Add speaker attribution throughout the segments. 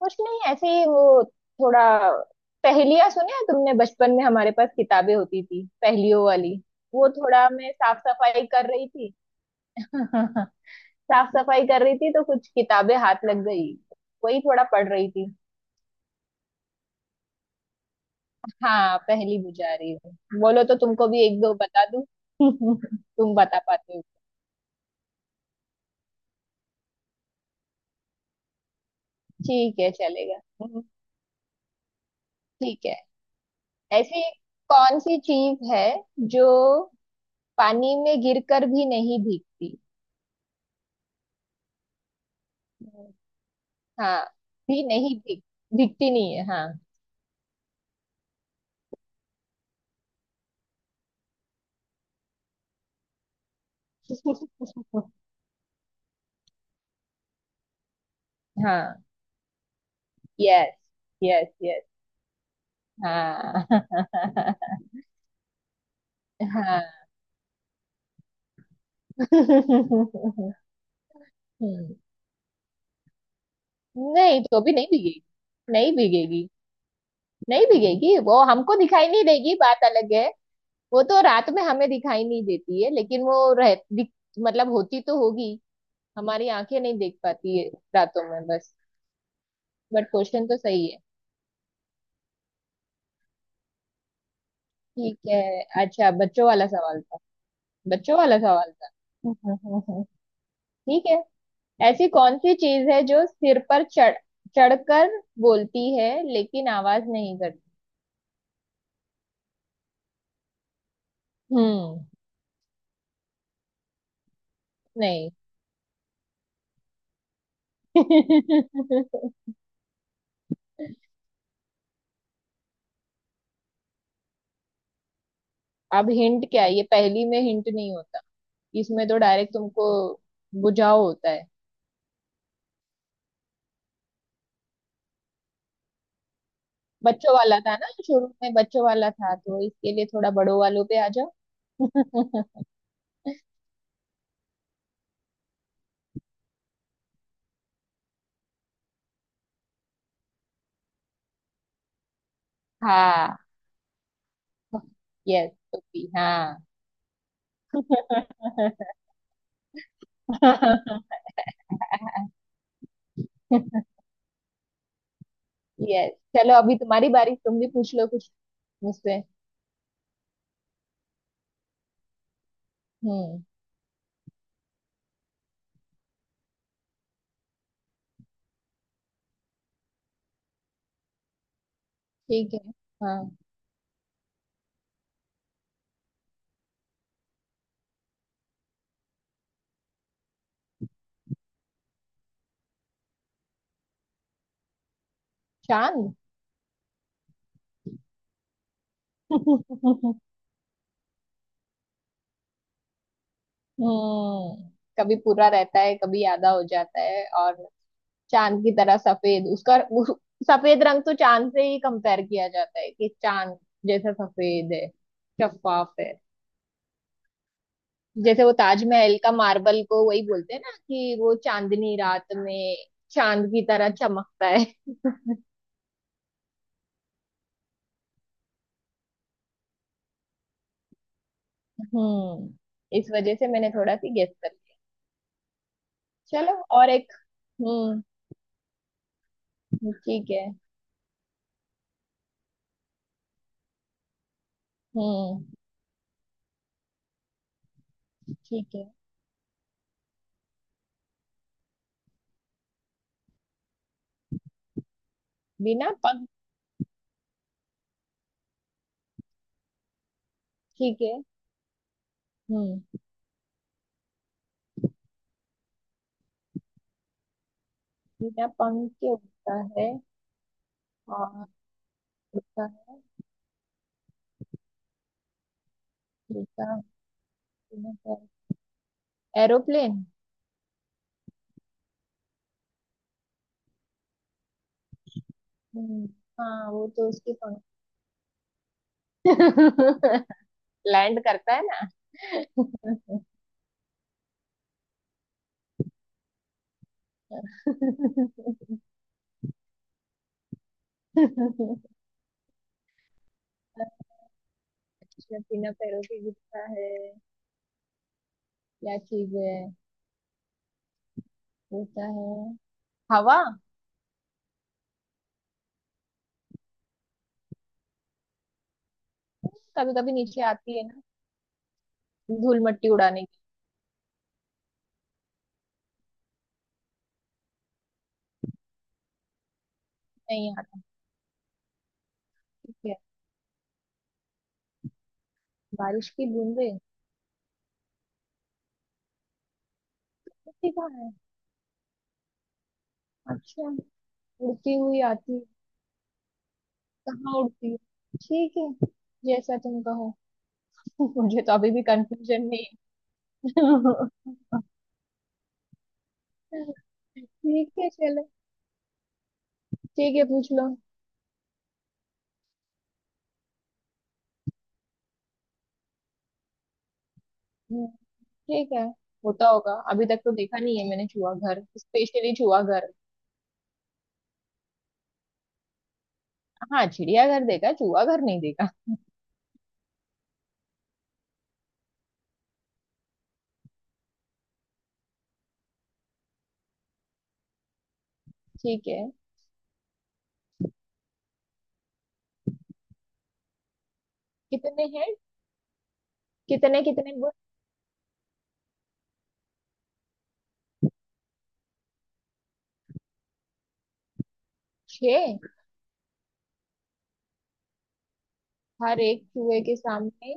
Speaker 1: कुछ नहीं, ऐसे ही। वो थोड़ा पहेलियां सुने हैं तुमने बचपन में? हमारे पास किताबें होती थी पहेलियों वाली। वो थोड़ा मैं साफ सफाई कर रही थी। साफ सफाई कर रही थी तो कुछ किताबें हाथ लग गई। वही थोड़ा पढ़ रही थी। हाँ, पहेली बुझा रही हूँ। बोलो तो तुमको भी एक दो बता दूँ। तुम बता पाते हो? ठीक है, चलेगा। हम्म। ठीक है। ऐसी कौन सी चीज है जो पानी में गिरकर भी नहीं भीगती? हाँ, भी नहीं भीगती नहीं है, हाँ। हाँ। यस। Yes, yes. हाँ। हाँ। हम्म, नहीं, तो भी नहीं भीगेगी। नहीं भीगेगी। नहीं भीगेगी, वो हमको दिखाई नहीं देगी, बात अलग है। वो तो रात में हमें दिखाई नहीं देती है, लेकिन वो रह दिख-। मतलब होती तो होगी, हमारी आंखें नहीं देख पाती है रातों में, बस। बट क्वेश्चन तो सही है। ठीक है। अच्छा, बच्चों वाला सवाल था। बच्चों वाला सवाल था। ठीक है। ऐसी कौन सी चीज है जो सिर पर चढ़कर बोलती है लेकिन आवाज नहीं करती? हम्म। नहीं। अब हिंट क्या है? ये पहेली में हिंट नहीं होता। इसमें तो डायरेक्ट तुमको बुझाओ होता है। बच्चों वाला था ना, शुरू में बच्चों वाला था, तो इसके लिए थोड़ा बड़ों वालों पे आ जाओ। हाँ। यस, टोपी, हाँ। यस। चलो अभी तुम्हारी बारी, तुम भी पूछ लो कुछ मुझसे। हम्म। ठीक है। हाँ। चांद। हम्म। कभी पूरा रहता है कभी आधा हो जाता है, और चांद की तरह सफेद सफेद रंग तो चांद से ही कंपेयर किया जाता है कि चांद जैसा सफेद है। शफाफ है। जैसे वो ताजमहल का मार्बल को वही बोलते हैं ना कि वो चांदनी रात में चांद की तरह चमकता है। हम्म। इस वजह से मैंने थोड़ा सी गेस कर लिया। चलो, और एक। हम्म। ठीक है। हम्म। ठीक है। बिना पंख। ठीक है। हम्म। बिना पंख के उड़ता है, और उड़ता है। उड़ता है, बिना पैर। एरोप्लेन। हम्म। हाँ, वो तो उसके पंख। लैंड करता है ना। अच्छा, बिना पैरों के गिरता है? क्या चीज है? उड़ता है। हवा। कभी कभी नीचे आती है ना, धूल मिट्टी उड़ाने की। नहीं आती है। बारिश की बूंदें? ये कहाँ है? अच्छा, उड़ती हुई आती है? कहाँ उड़ती है? ठीक है, जैसा तुम कहो। मुझे तो अभी भी कंफ्यूजन नहीं है। ठीक है, चलो। ठीक है, पूछ लो। हम्म। ठीक है। होता होगा, अभी तक तो देखा नहीं है मैंने चूहा घर, स्पेशली चूहा घर। हाँ, चिड़ियाघर देखा है, चूहा घर नहीं देखा। ठीक है। कितने हैं? कितने कितने बोल? छह। हर एक चूहे के सामने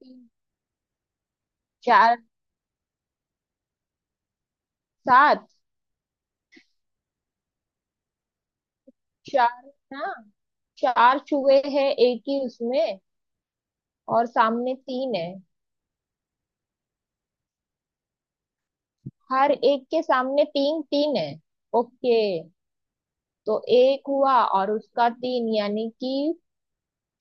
Speaker 1: तीन, चार? सात? चार ना, चार चूहे हैं एक ही उसमें और सामने तीन है। हर एक के सामने तीन तीन है? ओके। तो एक हुआ और उसका तीन, यानी कि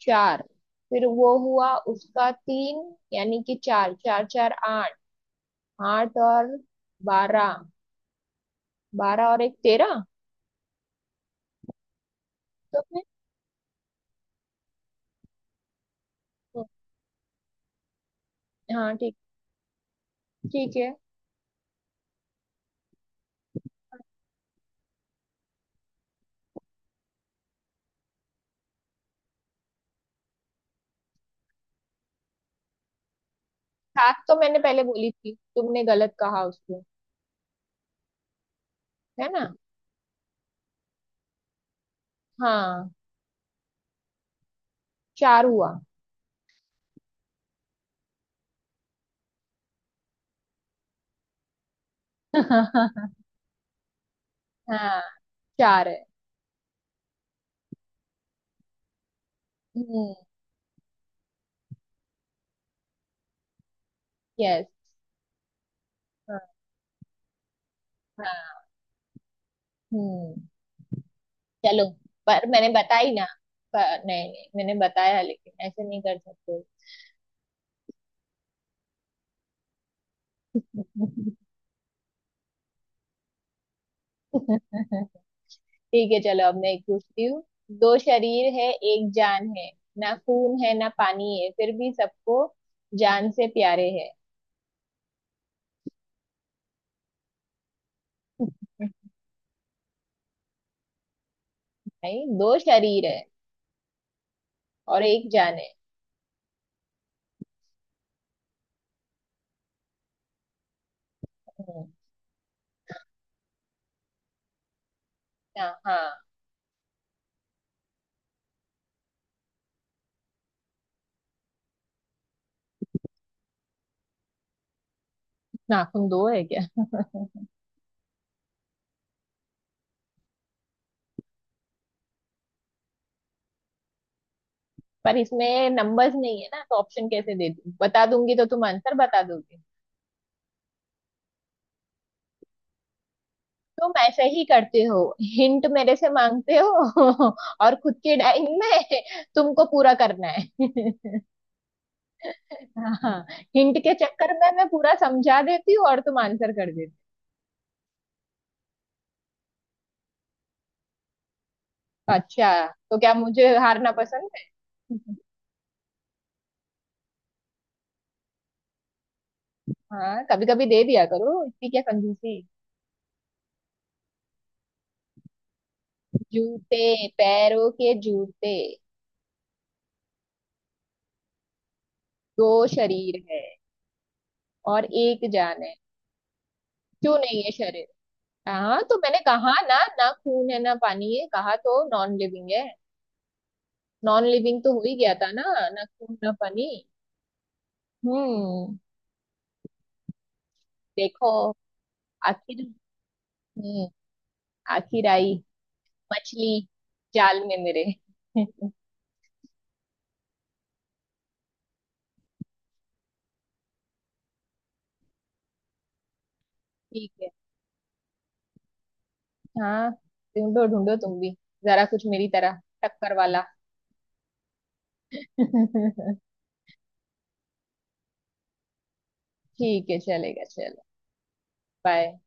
Speaker 1: चार। फिर वो हुआ उसका तीन, यानी कि चार, चार, चार, आठ। आठ और बारह। बारह और एक, तेरह। तो फिर? हाँ, ठीक। ठीक है। सात तो मैंने पहले बोली थी, तुमने गलत कहा उसको, है ना? हाँ। चार हुआ। हाँ, चार है। हम्म। यस। हाँ। हाँ। हम्म। चलो, पर मैंने बताई ना। पर नहीं, नहीं मैंने बताया, लेकिन ऐसे नहीं कर सकते। ठीक है, चलो, अब मैं एक पूछती हूँ। दो शरीर है, एक जान है, ना खून है ना पानी है, फिर भी सबको जान से प्यारे है। नहीं, दो शरीर है और एक जान है। हम्म। हाँ, हाँ। नाखून दो है क्या? पर इसमें नंबर्स नहीं है ना, तो ऑप्शन कैसे दे दूँ? बता दूंगी तो तुम आंसर बता दोगे। तुम ऐसे ही करते हो, हिंट मेरे से मांगते हो और खुद की डाइंग में तुमको पूरा करना है। हाँ। हिंट के चक्कर में मैं पूरा समझा देती हूँ और तुम आंसर कर देती हो। अच्छा, तो क्या मुझे हारना पसंद है? हाँ, कभी कभी दे दिया करो, इतनी क्या कंजूसी। जूते, पैरों के जूते। दो शरीर है और एक जान है। क्यों नहीं है शरीर? हाँ, तो मैंने कहा ना, ना खून है ना पानी है, कहा तो नॉन लिविंग है। नॉन लिविंग तो हो ही गया था ना, ना खून ना पानी। हम्म। देखो, आखिर। हम्म। आखिर आई मछली जाल में मेरे। ठीक है। हाँ। ढूंढो ढूंढो तुम भी जरा, कुछ मेरी तरह टक्कर वाला। ठीक है, चलेगा। चलो, बाय।